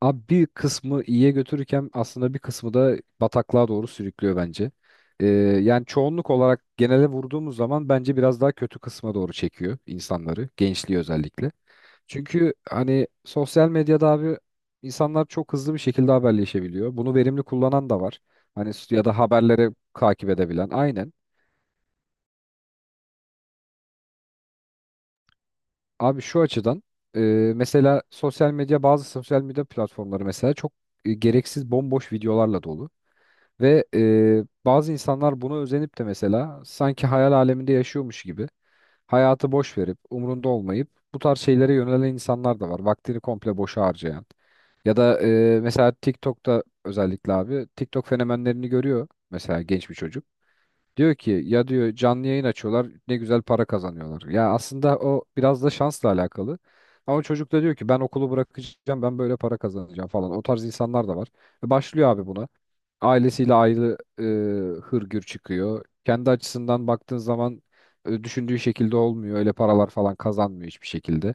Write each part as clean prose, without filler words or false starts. Abi bir kısmı iyiye götürürken aslında bir kısmı da bataklığa doğru sürüklüyor bence. Yani çoğunluk olarak genele vurduğumuz zaman bence biraz daha kötü kısma doğru çekiyor insanları, gençliği özellikle. Çünkü hani sosyal medyada abi insanlar çok hızlı bir şekilde haberleşebiliyor. Bunu verimli kullanan da var. Hani ya da haberleri takip edebilen. Aynen. Abi şu açıdan e, mesela sosyal medya bazı sosyal medya platformları mesela çok gereksiz bomboş videolarla dolu. Ve bazı insanlar buna özenip de mesela sanki hayal aleminde yaşıyormuş gibi hayatı boş verip umrunda olmayıp bu tarz şeylere yönelen insanlar da var. Vaktini komple boşa harcayan. Ya da mesela TikTok'ta özellikle abi TikTok fenomenlerini görüyor mesela genç bir çocuk. Diyor ki ya diyor canlı yayın açıyorlar ne güzel para kazanıyorlar. Ya aslında o biraz da şansla alakalı. Ama çocuk da diyor ki ben okulu bırakacağım ben böyle para kazanacağım falan. O tarz insanlar da var. Ve başlıyor abi buna ailesiyle ayrı hırgür çıkıyor. Kendi açısından baktığın zaman düşündüğü şekilde olmuyor. Öyle paralar falan kazanmıyor hiçbir şekilde.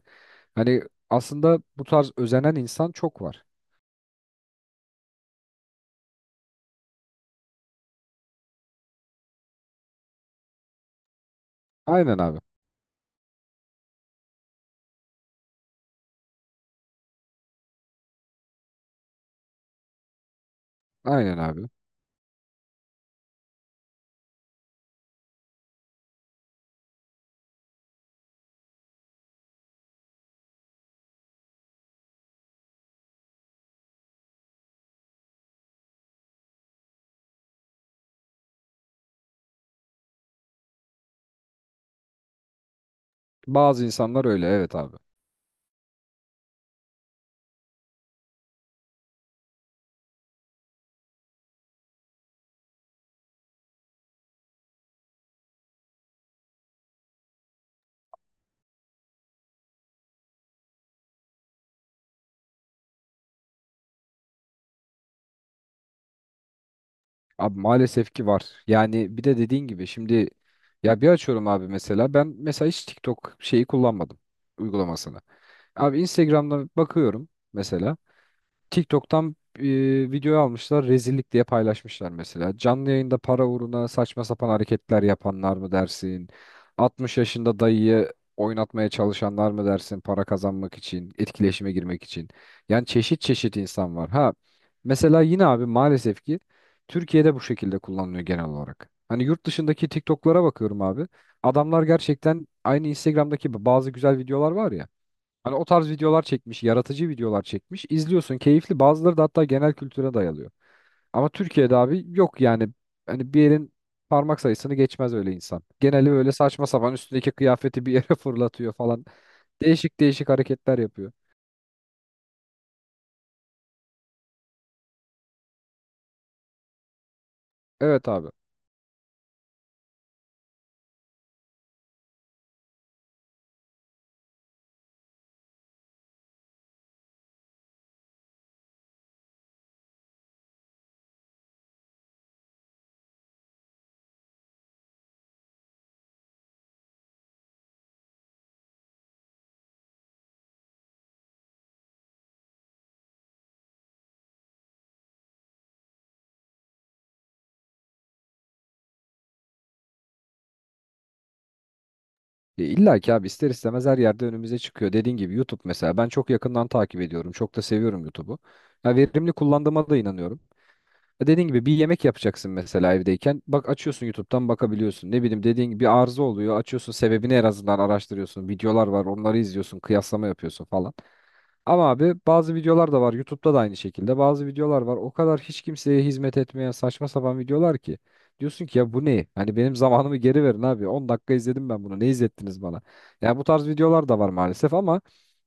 Hani aslında bu tarz özenen insan çok var. Aynen abi. Aynen abi. Bazı insanlar öyle, evet abi. Abi maalesef ki var. Yani bir de dediğin gibi şimdi ya bir açıyorum abi, mesela ben mesela hiç TikTok şeyi kullanmadım, uygulamasını. Abi Instagram'da bakıyorum mesela. TikTok'tan video almışlar, rezillik diye paylaşmışlar mesela. Canlı yayında para uğruna saçma sapan hareketler yapanlar mı dersin? 60 yaşında dayıyı oynatmaya çalışanlar mı dersin, para kazanmak için, etkileşime girmek için? Yani çeşit çeşit insan var. Ha mesela yine abi maalesef ki Türkiye'de bu şekilde kullanılıyor genel olarak. Hani yurt dışındaki TikTok'lara bakıyorum abi. Adamlar gerçekten, aynı Instagram'daki bazı güzel videolar var ya, hani o tarz videolar çekmiş, yaratıcı videolar çekmiş. İzliyorsun, keyifli. Bazıları da hatta genel kültüre dayalıyor. Ama Türkiye'de abi yok yani. Hani bir yerin parmak sayısını geçmez öyle insan. Geneli öyle saçma sapan, üstündeki kıyafeti bir yere fırlatıyor falan. Değişik değişik hareketler yapıyor. Evet abi. E illa ki abi, ister istemez her yerde önümüze çıkıyor. Dediğin gibi YouTube mesela, ben çok yakından takip ediyorum. Çok da seviyorum YouTube'u. Ya verimli kullandığıma da inanıyorum. Dediğin gibi bir yemek yapacaksın mesela evdeyken. Bak, açıyorsun YouTube'dan, bakabiliyorsun. Ne bileyim, dediğin gibi bir arıza oluyor. Açıyorsun, sebebini en azından araştırıyorsun. Videolar var, onları izliyorsun. Kıyaslama yapıyorsun falan. Ama abi bazı videolar da var. YouTube'da da aynı şekilde. Bazı videolar var, o kadar hiç kimseye hizmet etmeyen saçma sapan videolar ki. Diyorsun ki ya bu ne? Hani benim zamanımı geri verin abi. 10 dakika izledim ben bunu. Ne izlettiniz bana? Ya bu tarz videolar da var maalesef, ama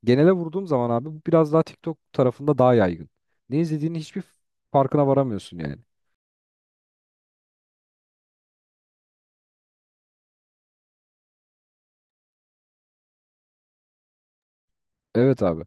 genele vurduğum zaman abi bu biraz daha TikTok tarafında daha yaygın. Ne izlediğini hiçbir, farkına varamıyorsun yani. Evet abi.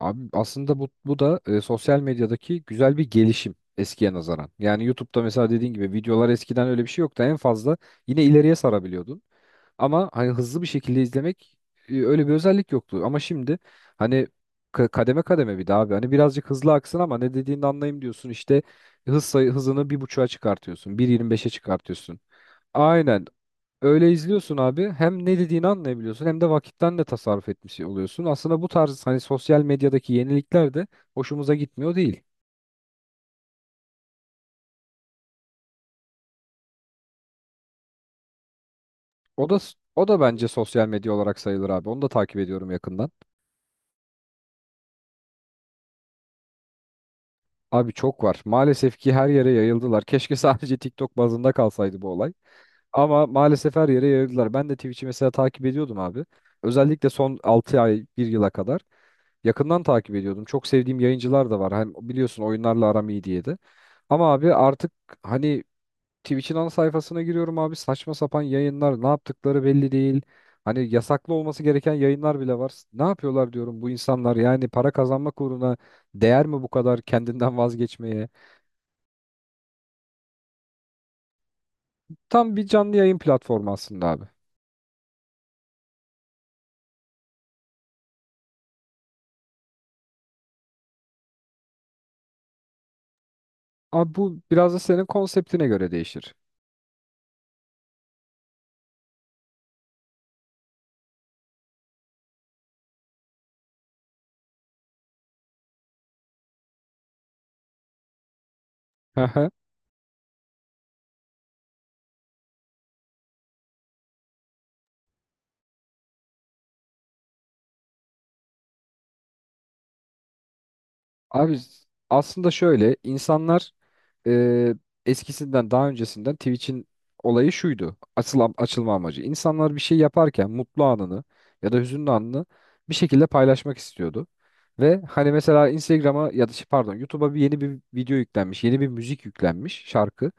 Abi aslında bu da sosyal medyadaki güzel bir gelişim eskiye nazaran. Yani YouTube'da mesela dediğin gibi videolar, eskiden öyle bir şey yoktu. En fazla yine ileriye sarabiliyordun. Ama hani hızlı bir şekilde izlemek öyle bir özellik yoktu. Ama şimdi hani kademe kademe bir daha abi. Hani birazcık hızlı aksın ama ne dediğini anlayayım diyorsun. İşte hız sayı hızını bir buçuğa çıkartıyorsun. 1.25'e çıkartıyorsun. Aynen. Öyle izliyorsun abi. Hem ne dediğini anlayabiliyorsun, hem de vakitten de tasarruf etmiş oluyorsun. Aslında bu tarz hani sosyal medyadaki yenilikler de hoşumuza gitmiyor değil. O da o da bence sosyal medya olarak sayılır abi. Onu da takip ediyorum yakından. Abi çok var. Maalesef ki her yere yayıldılar. Keşke sadece TikTok bazında kalsaydı bu olay. Ama maalesef her yere yayıldılar. Ben de Twitch'i mesela takip ediyordum abi. Özellikle son 6 ay bir yıla kadar. Yakından takip ediyordum. Çok sevdiğim yayıncılar da var. Hem biliyorsun oyunlarla aram iyi diye de. Ama abi artık hani Twitch'in ana sayfasına giriyorum abi. Saçma sapan yayınlar, ne yaptıkları belli değil. Hani yasaklı olması gereken yayınlar bile var. Ne yapıyorlar diyorum bu insanlar. Yani para kazanmak uğruna değer mi bu kadar kendinden vazgeçmeye? Tam bir canlı yayın platformu aslında abi. Abi bu biraz da senin konseptine göre değişir. Abi aslında şöyle, insanlar e, eskisinden, daha öncesinden Twitch'in olayı şuydu, Açılan, açılma amacı. İnsanlar bir şey yaparken mutlu anını ya da hüzünlü anını bir şekilde paylaşmak istiyordu. Ve hani mesela Instagram'a ya da şey, pardon YouTube'a bir yeni bir video yüklenmiş, yeni bir müzik yüklenmiş, şarkı.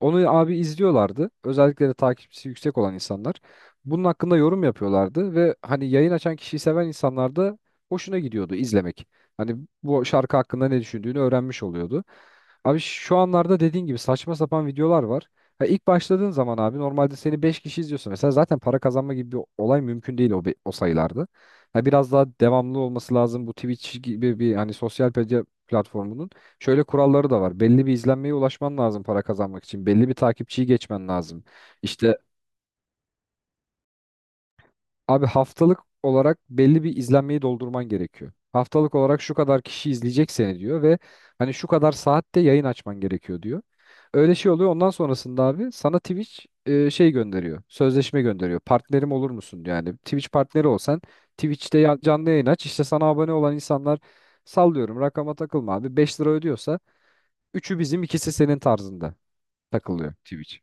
Onu abi izliyorlardı, özellikle de takipçisi yüksek olan insanlar. Bunun hakkında yorum yapıyorlardı ve hani yayın açan kişiyi seven insanlar da hoşuna gidiyordu izlemek. Hani bu şarkı hakkında ne düşündüğünü öğrenmiş oluyordu. Abi şu anlarda dediğin gibi saçma sapan videolar var. Ha ilk başladığın zaman abi normalde seni 5 kişi izliyorsa mesela, zaten para kazanma gibi bir olay mümkün değil o sayılarda. Ha biraz daha devamlı olması lazım bu Twitch gibi bir hani sosyal medya platformunun. Şöyle kuralları da var. Belli bir izlenmeye ulaşman lazım para kazanmak için. Belli bir takipçiyi geçmen lazım. İşte abi, haftalık olarak belli bir izlenmeyi doldurman gerekiyor. Haftalık olarak şu kadar kişi izleyecek seni diyor ve hani şu kadar saatte yayın açman gerekiyor diyor. Öyle şey oluyor. Ondan sonrasında abi sana Twitch şey gönderiyor, sözleşme gönderiyor. Partnerim olur musun diyor. Yani Twitch partneri olsan, Twitch'te canlı yayın aç, İşte sana abone olan insanlar, sallıyorum, rakama takılma abi, 5 lira ödüyorsa üçü bizim, ikisi senin tarzında takılıyor Twitch.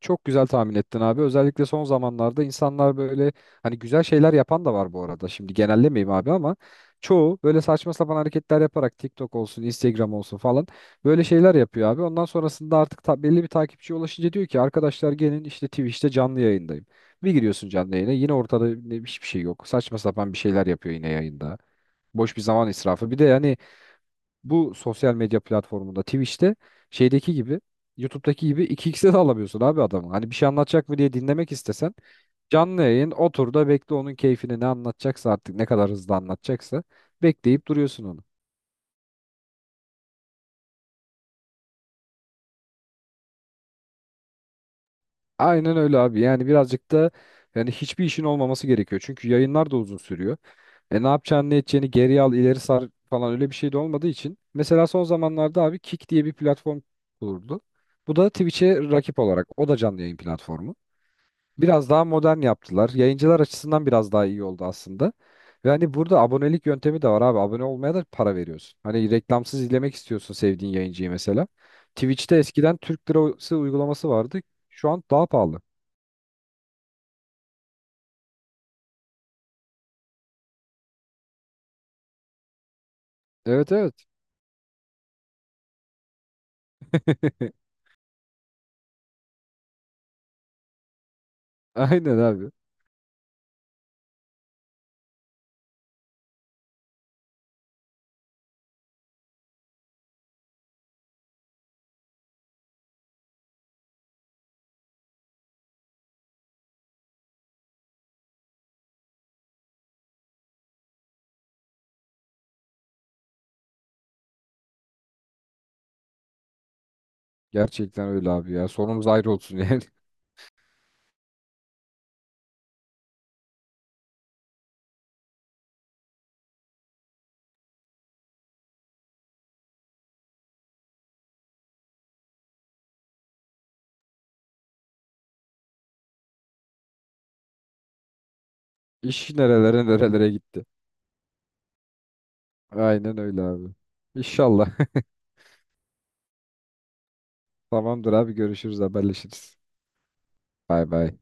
Çok güzel tahmin ettin abi. Özellikle son zamanlarda insanlar böyle, hani güzel şeyler yapan da var bu arada, şimdi genellemeyeyim abi, ama çoğu böyle saçma sapan hareketler yaparak TikTok olsun, Instagram olsun falan böyle şeyler yapıyor abi. Ondan sonrasında artık belli bir takipçiye ulaşınca diyor ki arkadaşlar gelin, işte Twitch'te canlı yayındayım. Bir giriyorsun canlı yayına, yine ortada hiçbir şey yok. Saçma sapan bir şeyler yapıyor yine yayında. Boş bir zaman israfı. Bir de yani bu sosyal medya platformunda Twitch'te şeydeki gibi, YouTube'daki gibi iki xe de alamıyorsun abi adamı. Hani bir şey anlatacak mı diye dinlemek istesen, canlı yayın, otur da bekle onun keyfini, ne anlatacaksa artık, ne kadar hızlı anlatacaksa bekleyip duruyorsun onu. Aynen öyle abi, yani birazcık da, yani hiçbir işin olmaması gerekiyor. Çünkü yayınlar da uzun sürüyor. Ne yapacağını, ne edeceğini, geri al, ileri sar falan, öyle bir şey de olmadığı için. Mesela son zamanlarda abi Kick diye bir platform kuruldu. Bu da Twitch'e rakip olarak, o da canlı yayın platformu. Biraz daha modern yaptılar. Yayıncılar açısından biraz daha iyi oldu aslında. Ve hani burada abonelik yöntemi de var abi. Abone olmaya da para veriyorsun. Hani reklamsız izlemek istiyorsun sevdiğin yayıncıyı mesela. Twitch'te eskiden Türk lirası uygulaması vardı. Şu an daha pahalı. Evet, evet. Aynen abi. Gerçekten öyle abi ya. Sonumuz ayrı olsun yani. İş nerelere nerelere gitti. Aynen öyle abi. İnşallah. Tamamdır abi, görüşürüz, haberleşiriz. Bay bay.